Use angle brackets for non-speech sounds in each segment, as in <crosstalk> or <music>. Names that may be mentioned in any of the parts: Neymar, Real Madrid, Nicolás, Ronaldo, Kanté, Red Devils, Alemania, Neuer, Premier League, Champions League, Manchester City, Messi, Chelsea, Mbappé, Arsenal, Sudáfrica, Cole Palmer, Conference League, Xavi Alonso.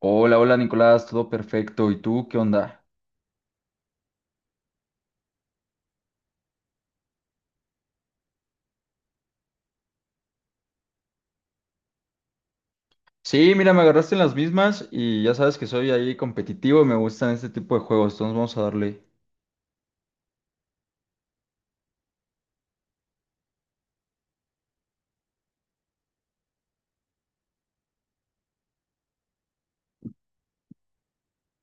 Hola, hola Nicolás, todo perfecto. ¿Y tú qué onda? Sí, mira, me agarraste en las mismas y ya sabes que soy ahí competitivo y me gustan este tipo de juegos, entonces vamos a darle.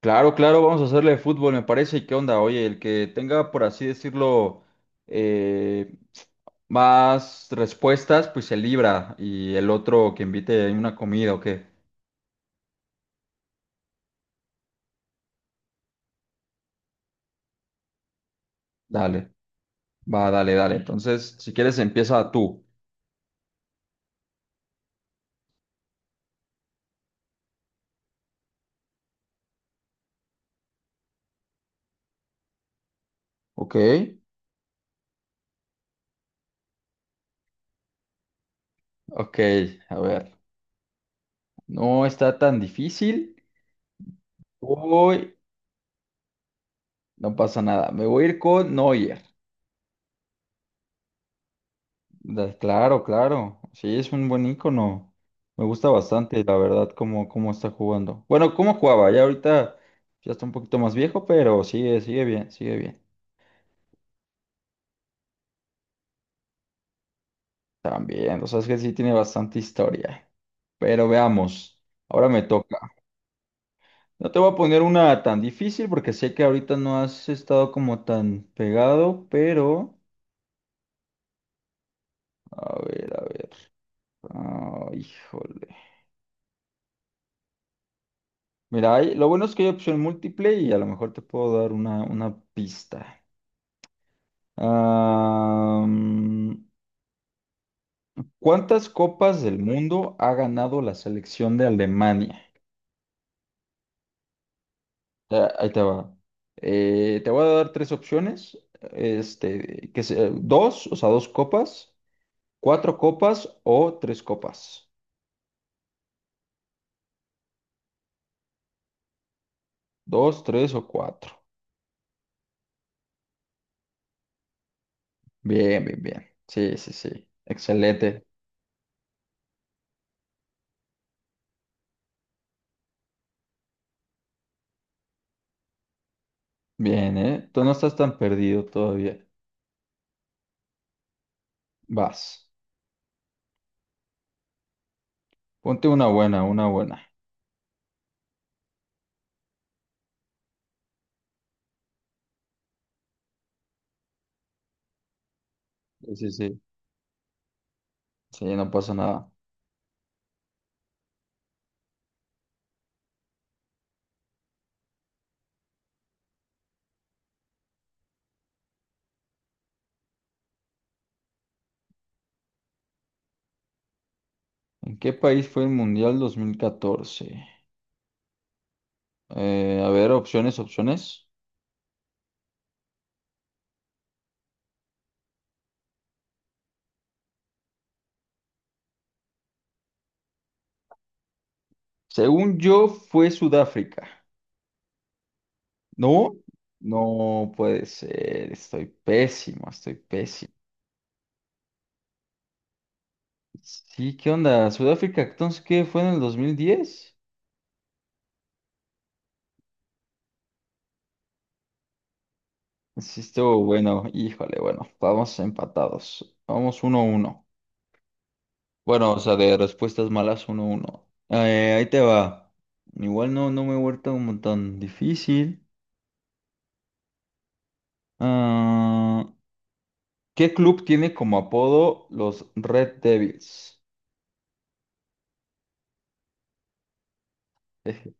Claro, claro, vamos a hacerle de fútbol, me parece. ¿Y qué onda? Oye, el que tenga, por así decirlo, eh, más respuestas, pues se libra y el otro que invite ahí una comida o qué. Dale, va, dale, dale. Entonces, si quieres, empieza tú. Ok, ok, a ver, no está tan difícil. Uy, no pasa nada. Me voy a ir con Neuer. Claro, claro. Sí, es un buen ícono. Me gusta bastante, la verdad, cómo está jugando. Bueno, cómo jugaba. Ya ahorita ya está un poquito más viejo, pero sigue, sigue bien, sigue bien. También, o sea, es que sí tiene bastante historia. Pero veamos. Ahora me toca. No te voy a poner una tan difícil porque sé que ahorita no has estado como tan pegado, pero... A ver, a ver. Ah, híjole. Mira, lo bueno es que hay opción múltiple y a lo mejor te puedo dar una pista. Ah, ¿cuántas copas del mundo ha ganado la selección de Alemania? Ah, ahí te va. Te voy a dar tres opciones. Este, dos, o sea, dos copas, cuatro copas o tres copas. Dos, tres o cuatro. Bien, bien, bien. Sí, sí, sí. Excelente. Bien, ¿eh? Tú no estás tan perdido todavía. Vas. Ponte una buena, una buena. Sí, sí, sí. Sí, no pasa nada. ¿En qué país fue el Mundial 2014? A ver, opciones, opciones. Según yo, fue Sudáfrica. ¿No? No puede ser. Estoy pésimo, estoy pésimo. Sí, ¿qué onda? ¿Sudáfrica entonces qué fue en el 2010? Sí, estuvo bueno. Híjole, bueno, vamos empatados. Vamos 1 uno. Bueno, o sea, de respuestas malas, uno, uno. Ahí te va. Igual no, no me he vuelto como tan difícil. Ah, ¿qué club tiene como apodo los Red Devils? Eje.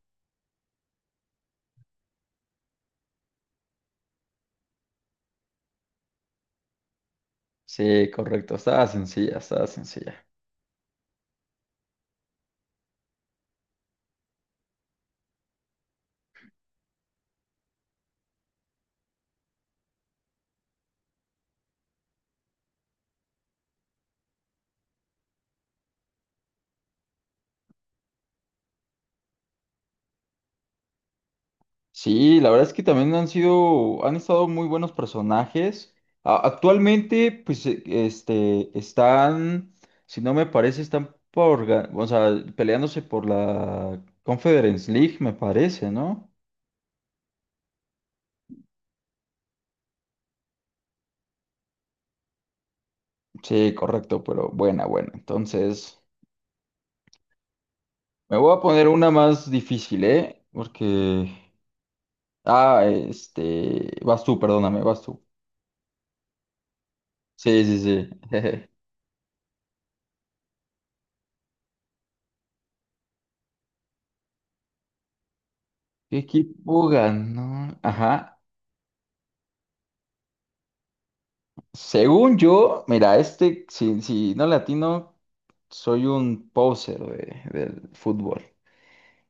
Sí, correcto. Estaba sencilla, estaba sencilla. Sí, la verdad es que también han sido, han estado muy buenos personajes. Actualmente, pues, este, están, si no me parece, están por, o sea, peleándose por la Conference League, me parece, ¿no? Sí, correcto, pero buena, buena. Entonces, me voy a poner una más difícil, ¿eh? Porque... Ah, este... Vas tú, perdóname, vas tú. Sí, sí, sí. <laughs> ¿Qué equipo ganó? Ajá. Según yo, mira, este, si no latino, soy un poser del fútbol.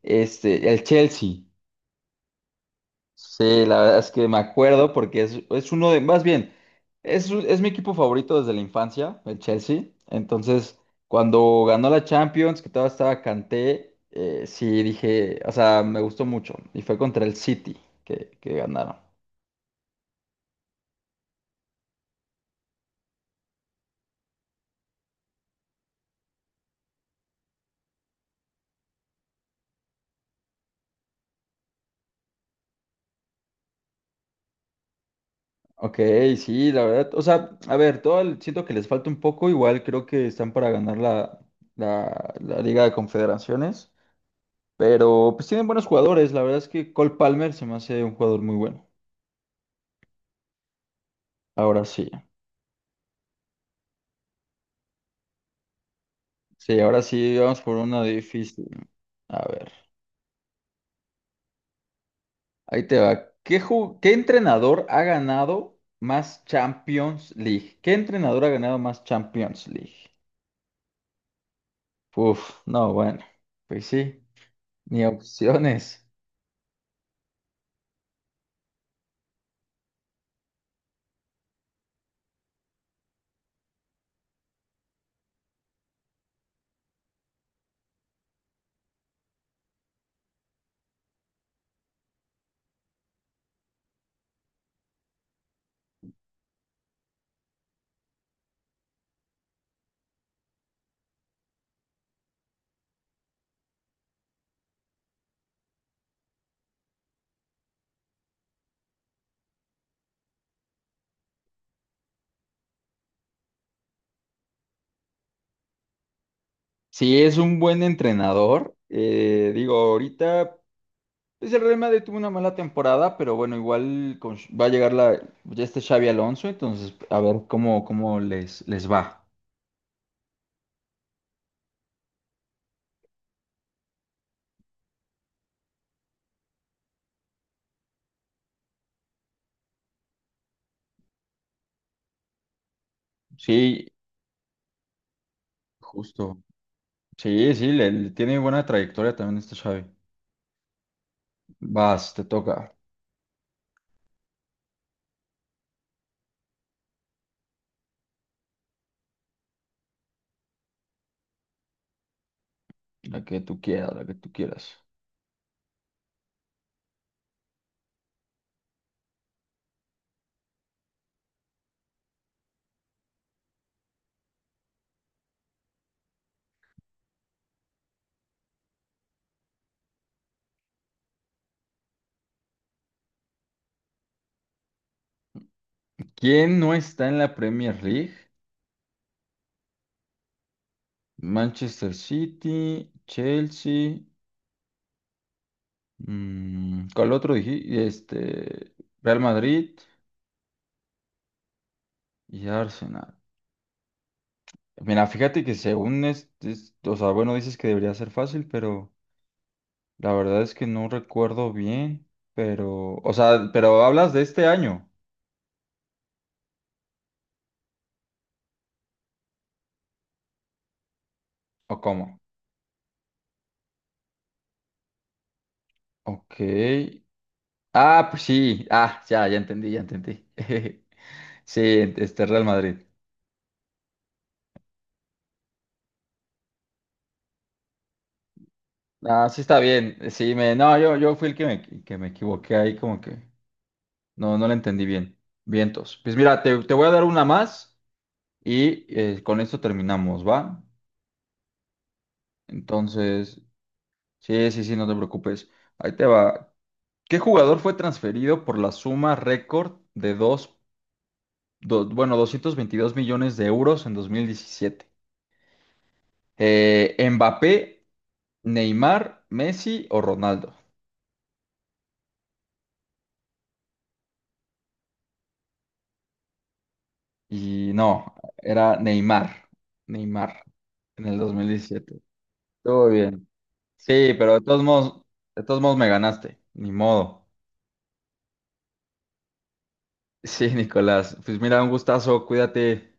Este, el Chelsea. Sí, la verdad es que me acuerdo porque es uno de, más bien, es, es mi equipo favorito desde la infancia, el Chelsea. Entonces, cuando ganó la Champions, que todavía estaba Kanté, sí dije, o sea, me gustó mucho. Y fue contra el City que ganaron. Ok, sí, la verdad, o sea, a ver, siento que les falta un poco, igual creo que están para ganar la Liga de Confederaciones, pero pues tienen buenos jugadores, la verdad es que Cole Palmer se me hace un jugador muy bueno. Ahora sí. Sí, ahora sí vamos por una difícil. A ver, ahí te va. ¿Qué, qué entrenador ha ganado más Champions League? ¿Qué entrenador ha ganado más Champions League? Uf, no, bueno, pues sí, ni opciones. Si es un buen entrenador, digo, ahorita, pues el Real Madrid tuvo una mala temporada, pero bueno, igual va a llegar la, ya este Xavi Alonso, entonces a ver cómo les va. Sí, justo. Sí, sí, le tiene buena trayectoria también este Xavi. Vas, te toca. La que tú quieras, la que tú quieras. ¿Quién no está en la Premier League? Manchester City, Chelsea, ¿cuál otro dije? Este, Real Madrid y Arsenal. Mira, fíjate que según este, o sea, bueno, dices que debería ser fácil, pero la verdad es que no recuerdo bien, pero, o sea, pero hablas de este año, ¿o cómo? Ok, ah, pues sí. Ah, ya, ya entendí, ya entendí. <laughs> Sí, este Real Madrid. Ah, sí está bien. Sí, me, no, yo fui el que me equivoqué ahí, como que no, no lo entendí bien. Vientos. Pues mira, te voy a dar una más y con esto terminamos, ¿va? Entonces, sí, sí, sí, no te preocupes. Ahí te va. ¿Qué jugador fue transferido por la suma récord de bueno, 222 millones de euros en 2017? ¿Mbappé? Neymar, Messi o Ronaldo. Y no, era Neymar. Neymar, en el 2017. Estuvo bien. Sí, pero de todos modos me ganaste. Ni modo. <laughs> Sí, Nicolás. Pues mira, un gustazo. Cuídate.